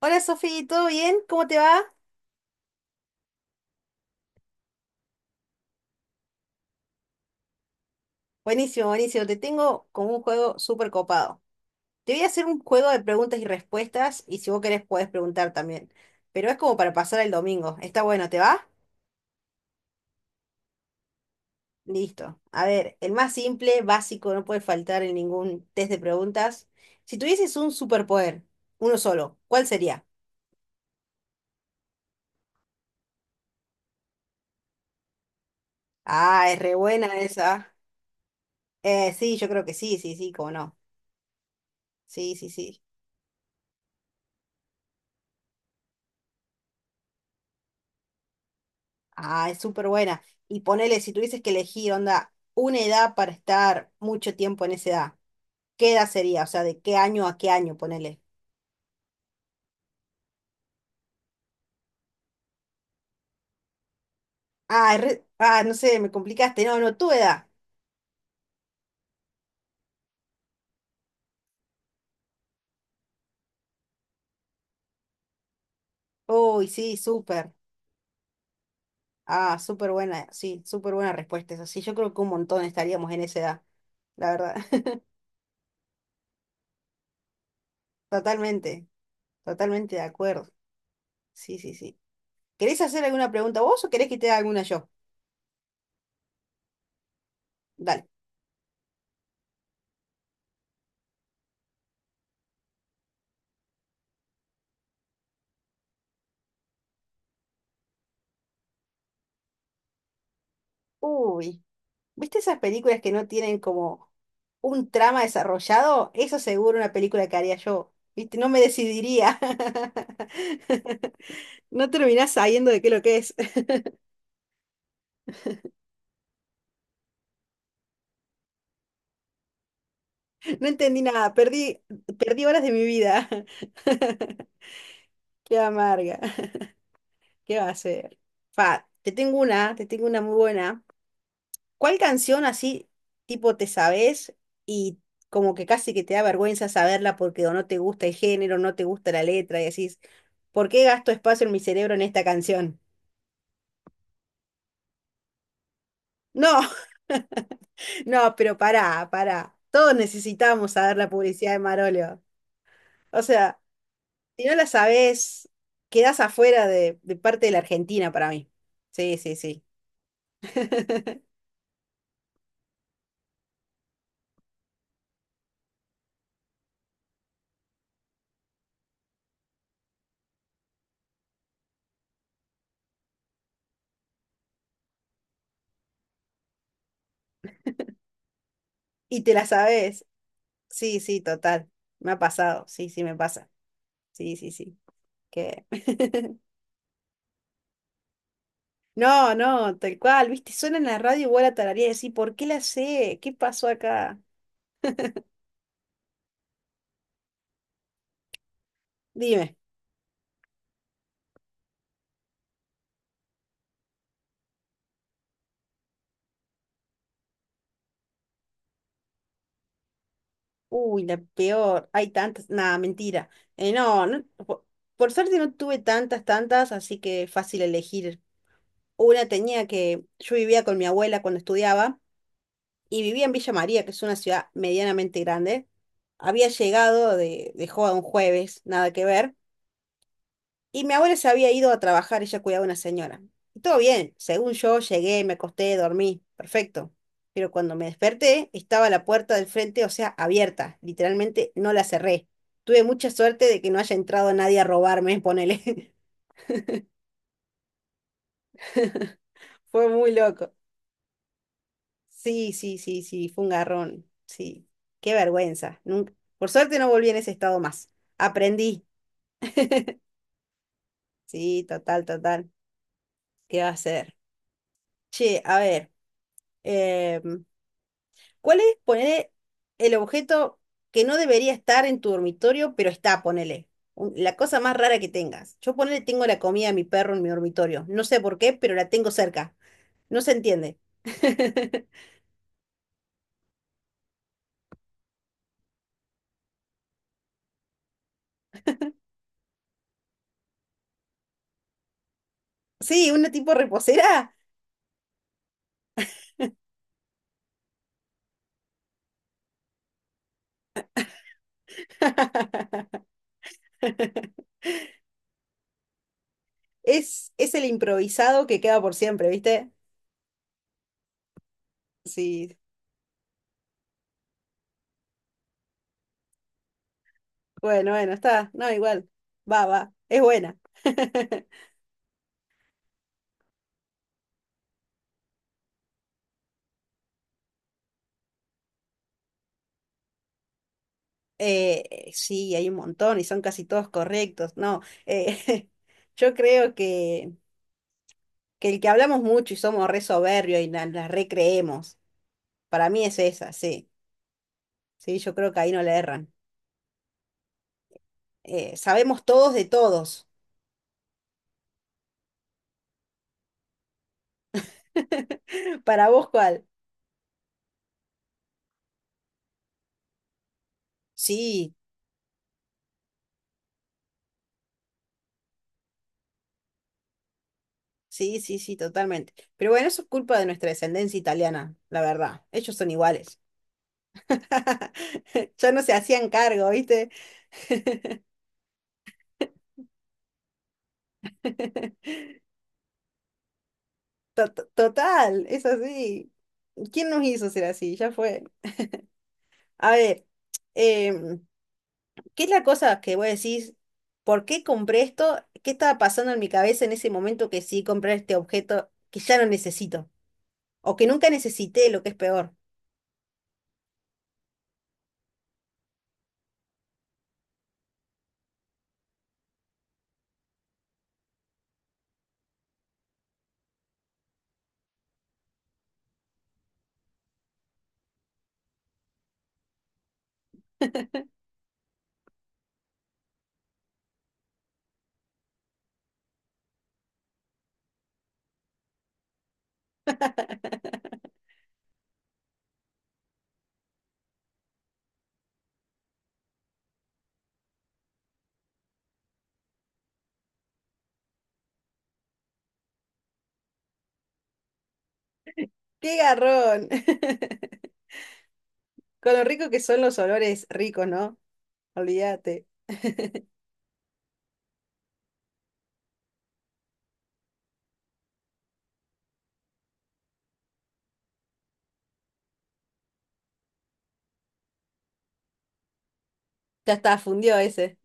Hola Sofi, ¿todo bien? ¿Cómo te va? Buenísimo, buenísimo. Te tengo como un juego súper copado. Te voy a hacer un juego de preguntas y respuestas y si vos querés podés preguntar también. Pero es como para pasar el domingo. Está bueno, ¿te va? Listo. A ver, el más simple, básico, no puede faltar en ningún test de preguntas. Si tuvieses un superpoder, uno solo, ¿cuál sería? Ah, es re buena esa. Sí, yo creo que sí, sí, sí, cómo no. Sí, sí, sí. Ah, es súper buena. Y ponele, si tuvieses que elegir, onda, una edad para estar mucho tiempo en esa edad, ¿qué edad sería? O sea, ¿de qué año a qué año, ponele? Ah, es re- ah, no sé, me complicaste. No, no, tu edad. Uy, sí, súper. Ah, súper buena, sí, súper buena respuesta. Eso sí, yo creo que un montón estaríamos en esa edad, la verdad. Totalmente, totalmente de acuerdo. Sí, sí, sí. ¿Querés hacer alguna pregunta vos o querés que te haga alguna yo? Dale. Uy. ¿Viste esas películas que no tienen como un trama desarrollado? Eso seguro una película que haría yo. ¿Viste? No me decidiría. No terminás sabiendo de qué lo que es. No entendí nada. Perdí, perdí horas de mi vida. Qué amarga. ¿Qué va a ser? Fa, te tengo una muy buena. ¿Cuál canción así, tipo, te sabes y como que casi que te da vergüenza saberla porque o no te gusta el género, no te gusta la letra y decís, ¿por qué gasto espacio en mi cerebro en esta canción? No, no, pero pará, pará. Todos necesitamos saber la publicidad de Marolio. O sea, si no la sabes, quedás afuera de parte de la Argentina para mí. Sí, sí, sí. Y te la sabes. Sí, sí, total. Me ha pasado. Sí, sí, me pasa. Sí, sí, sí. Que... No, no, tal cual, viste, suena en la radio igual a tararía y decir, ¿por qué la sé? ¿Qué pasó acá? Dime. Uy, la peor, hay tantas, nada, mentira. No, no, po- por, suerte no tuve tantas, tantas, así que fácil elegir. Una tenía que, yo vivía con mi abuela cuando estudiaba y vivía en Villa María, que es una ciudad medianamente grande. Había llegado de joda un jueves, nada que ver. Y mi abuela se había ido a trabajar, ella cuidaba a una señora. Y todo bien, según yo llegué, me acosté, dormí, perfecto. Pero cuando me desperté, estaba la puerta del frente, o sea, abierta. Literalmente no la cerré. Tuve mucha suerte de que no haya entrado nadie a robarme, ponele. Fue muy loco. Sí, sí, sí, sí, fue un garrón. Sí, qué vergüenza. Nunca... Por suerte no volví en ese estado más. Aprendí. Sí, total, total. ¿Qué va a hacer? Che, a ver. em, ¿Cuál es, ponele, el objeto que no debería estar en tu dormitorio, pero está, ponele? Un- La cosa más rara que tengas. Yo ponele, tengo la comida de mi perro en mi dormitorio. No sé por qué, pero la tengo cerca. No se entiende. Sí, una tipo reposera. Es el improvisado que queda por siempre, ¿viste? Sí. Bueno, bueno, está. No, igual. Va, va. Es buena. Sí, hay un montón y son casi todos correctos. No, eh, yo creo que el que hablamos mucho y somos re soberbios y na- la, recreemos, para mí es esa, sí. Sí, yo creo que ahí no le erran. Sabemos todos de todos. ¿Para vos cuál? Sí, sí, sí, sí, totalmente. Pero bueno, eso es culpa de nuestra descendencia italiana, la verdad. Ellos son iguales. Ya no se hacían cargo, ¿viste? To- to- Total, es así. ¿Quién nos hizo ser así? Ya fue. A ver, em, ¿qué es la cosa que vos decís? ¿Por qué compré esto? ¿Qué estaba pasando en mi cabeza en ese momento que sí compré este objeto que ya no necesito? O que nunca necesité, lo que es peor. ¡Qué garrón! Con lo rico que son los olores ricos, ¿no? Olvídate. Ya está, fundió ese.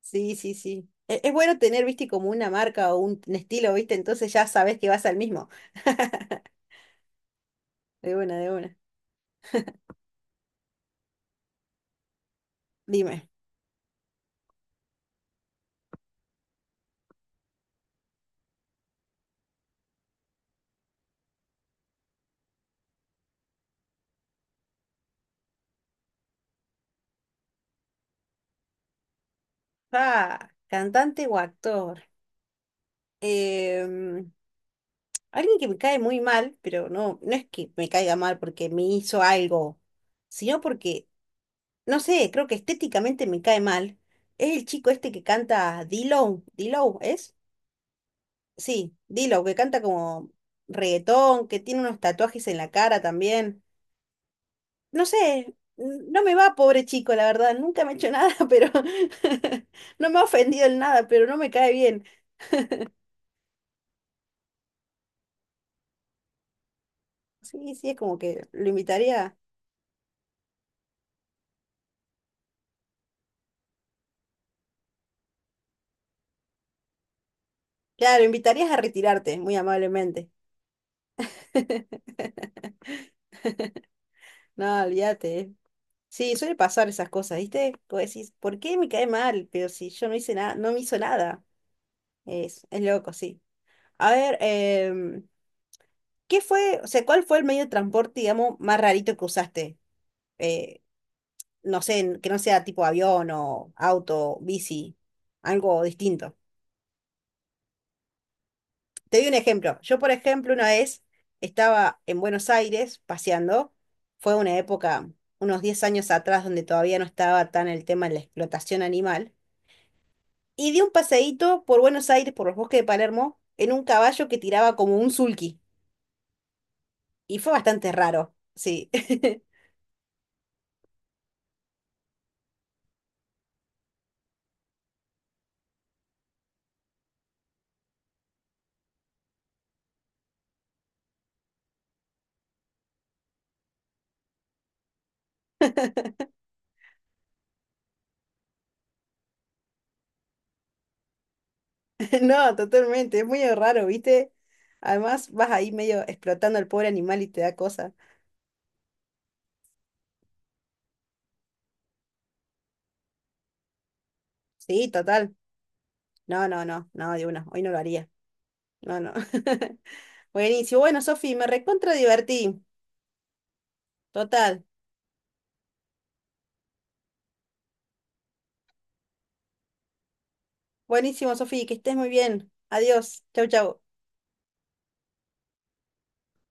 Sí, sí, sí. E- Es bueno tener, viste, como una marca o un estilo, viste, entonces ya sabes que vas al mismo. De una, de una. Dime. Ah, cantante o actor. Em, Alguien que me cae muy mal, pero no, no es que me caiga mal porque me hizo algo, sino porque, no sé, creo que estéticamente me cae mal. Es el chico este que canta D-Lo. D-Lo, ¿es? Sí, D-Lo, que canta como reggaetón, que tiene unos tatuajes en la cara también. No sé, n- no me va, pobre chico, la verdad. Nunca me ha hecho nada, pero no me ha ofendido en nada, pero no me cae bien. Sí, sí, es como que lo invitaría. Claro, lo invitarías a retirarte, muy amablemente. No, olvídate. Sí, suele pasar esas cosas, ¿viste? Como decís, ¿por qué me cae mal? Pero si yo no hice nada, no me hizo nada. Es loco, sí. A ver, ¿qué fue, o sea, cuál fue el medio de transporte, digamos, más rarito que usaste? Eh, no sé, que no sea tipo avión o auto, bici, algo distinto. Te doy un ejemplo. Yo, por ejemplo, una vez estaba en Buenos Aires paseando. Fue una época, unos 10 años atrás, donde todavía no estaba tan el tema de la explotación animal. Y di un paseíto por Buenos Aires, por los bosques de Palermo, en un caballo que tiraba como un sulky. Y fue bastante raro. Sí. No, totalmente. Es muy raro, ¿viste? Además, vas ahí medio explotando al pobre animal y te da cosa. Sí, total. No, no, no, no, de una. Hoy no lo haría. No, no. Buenísimo. Bueno, Sofi, me recontra divertí. Total. Buenísimo, Sofi, que estés muy bien. Adiós. Chau, chau.